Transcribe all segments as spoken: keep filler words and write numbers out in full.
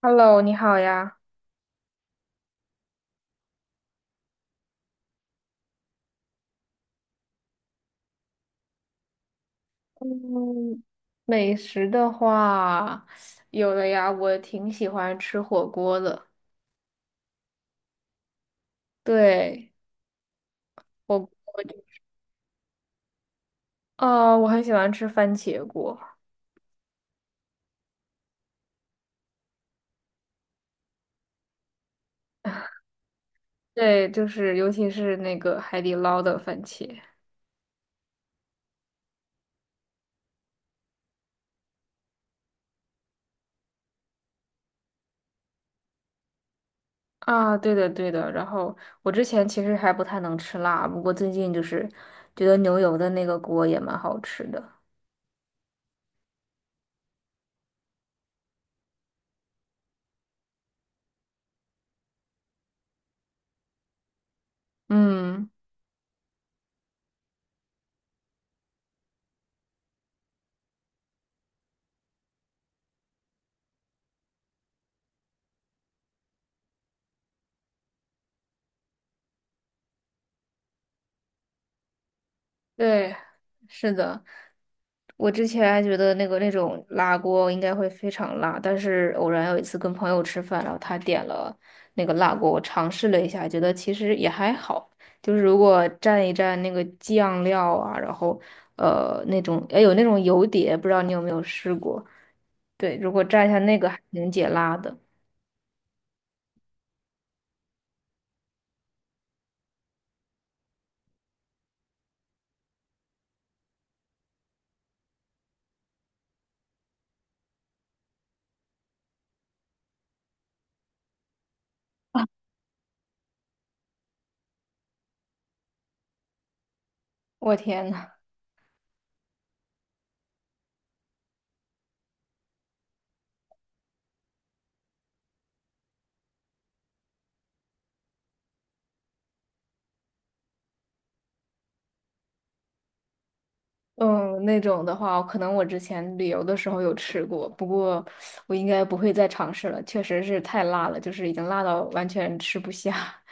Hello，你好呀。嗯，美食的话，有的呀，我挺喜欢吃火锅的。对，火锅。哦，我很喜欢吃番茄锅。对，就是尤其是那个海底捞的番茄。啊，对的对的。然后我之前其实还不太能吃辣，不过最近就是觉得牛油的那个锅也蛮好吃的。嗯。对，是的，我之前还觉得那个那种辣锅应该会非常辣，但是偶然有一次跟朋友吃饭，然后他点了那个辣锅，我尝试了一下，觉得其实也还好，就是如果蘸一蘸那个酱料啊，然后呃那种哎有那种油碟，不知道你有没有试过？对，如果蘸一下那个还挺解辣的。我天呐！嗯，那种的话，可能我之前旅游的时候有吃过，不过我应该不会再尝试了，确实是太辣了，就是已经辣到完全吃不下。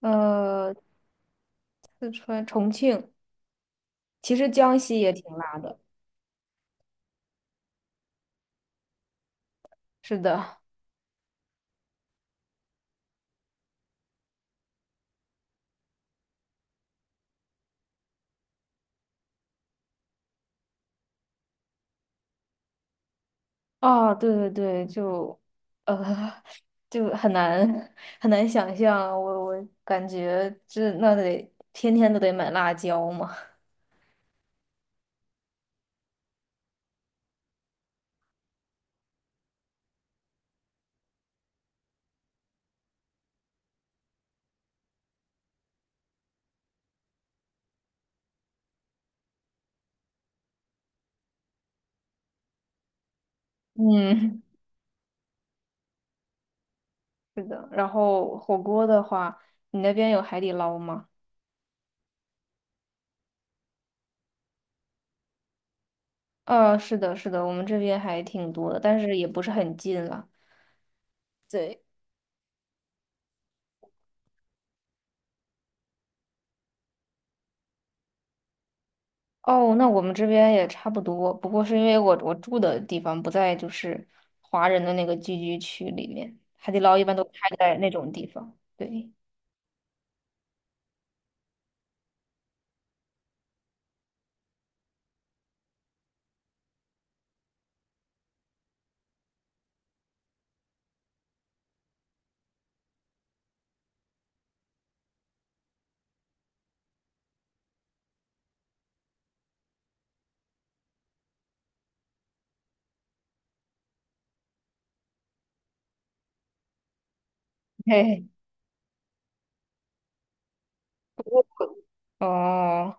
呃，四川、重庆，其实江西也挺辣的。是的。啊，对对对，就，呃，就很难很难想象啊，我我感觉这那得天天都得买辣椒嘛。嗯，是的。然后火锅的话，你那边有海底捞吗？呃，是的，是的，我们这边还挺多的，但是也不是很近了。对。哦，那我们这边也差不多，不过是因为我我住的地方不在就是华人的那个聚居区里面，海底捞一般都开在那种地方。对。嘿。哦，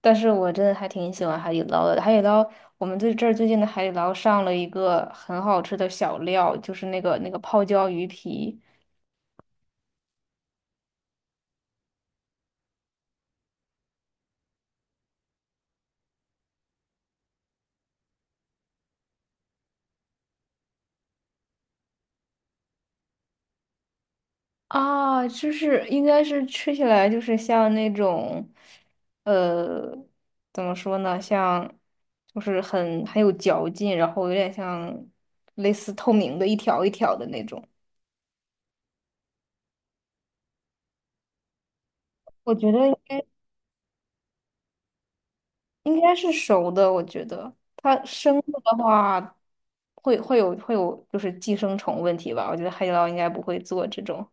但是我真的还挺喜欢海底捞的。海底捞，我们最这儿最近的海底捞上了一个很好吃的小料，就是那个那个泡椒鱼皮。啊，就是应该是吃起来就是像那种，呃，怎么说呢，像就是很很有嚼劲，然后有点像类似透明的一条一条的那种。我觉得应该应该是熟的，我觉得它生的的话会会有会有就是寄生虫问题吧。我觉得海底捞应该不会做这种。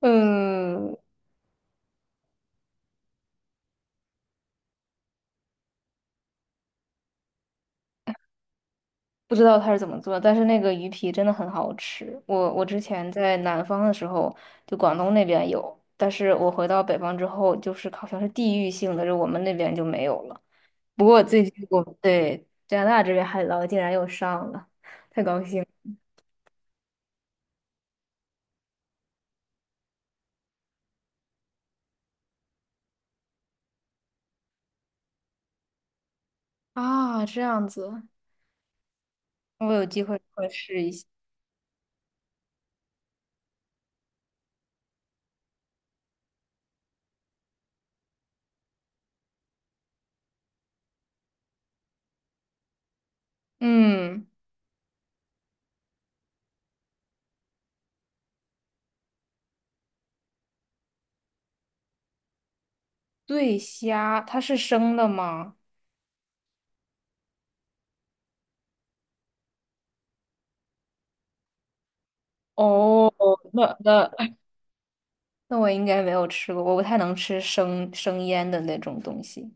嗯，不知道它是怎么做的但是那个鱼皮真的很好吃。我我之前在南方的时候，就广东那边有，但是我回到北方之后，就是好像是地域性的，就我们那边就没有了。不过最近我对加拿大这边海底捞竟然又上了，太高兴了！啊，这样子。我有机会会试一下。嗯，醉虾它是生的吗？哦，那那那我应该没有吃过，我不太能吃生生腌的那种东西。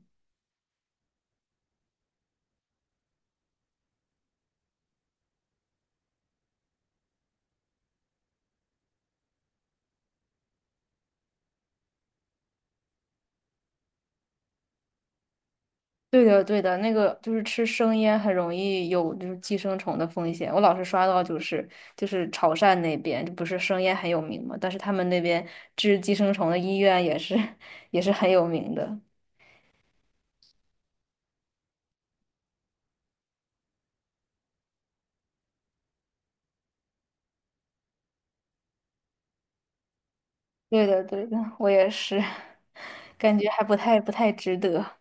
对的，对的，那个就是吃生腌很容易有就是寄生虫的风险。我老是刷到就是就是潮汕那边，不是生腌很有名嘛，但是他们那边治寄生虫的医院也是 也是很有名的。对的，对的，我也是。感觉还不太不太值得。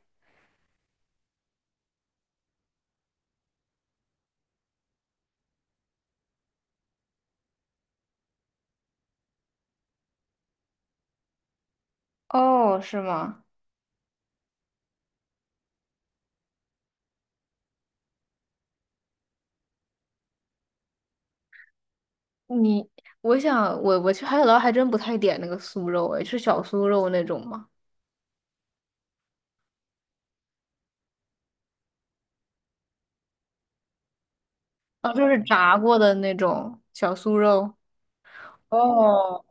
哦，是吗？你，我想我我去海底捞还真不太点那个酥肉，哎，是小酥肉那种吗？啊，就是炸过的那种小酥肉。哦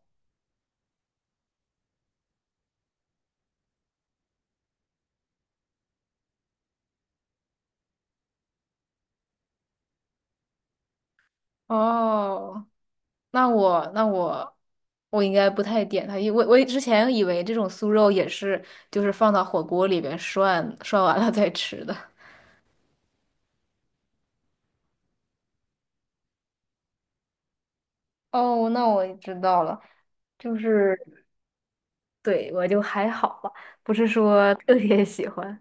哦，那我那我我应该不太点它，因为我我之前以为这种酥肉也是就是放到火锅里边涮涮完了再吃的。哦，那我知道了，就是 对我就还好吧，不是说特别喜欢。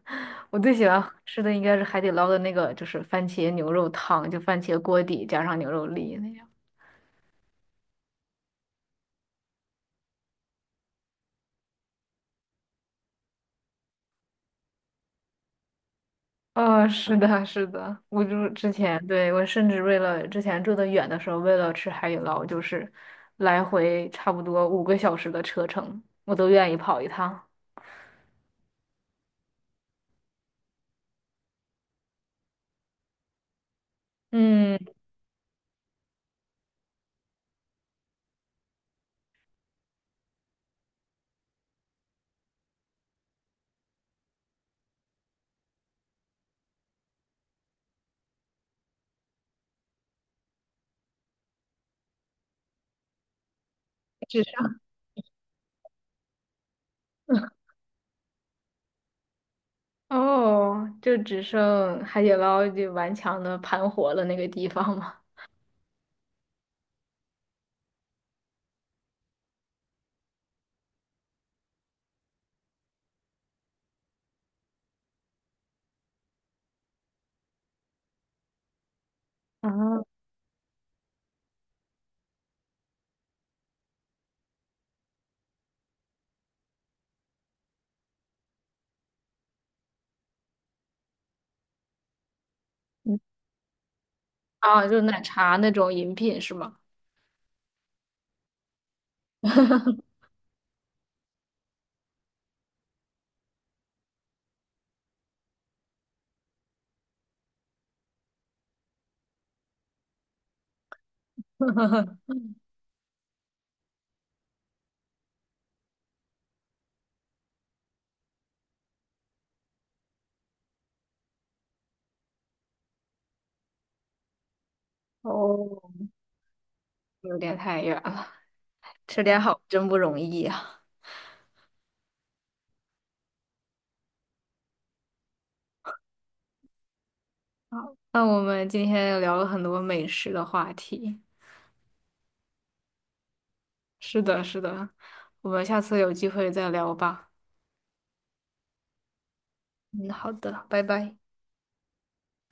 我最喜欢吃的应该是海底捞的那个，就是番茄牛肉汤，就番茄锅底加上牛肉粒那样。哦，是的，是的，我就之前，对，我甚至为了之前住的远的时候，为了吃海底捞，就是来回差不多五个小时的车程，我都愿意跑一趟。嗯，只剩 哦，就只剩海底捞就顽强的盘活了那个地方嘛。啊，嗯。啊，就奶茶那种饮品是吗？哦，有点太远了，吃点好真不容易呀、好，那我们今天聊了很多美食的话题。是的，是的，我们下次有机会再聊吧。嗯，好的，拜拜。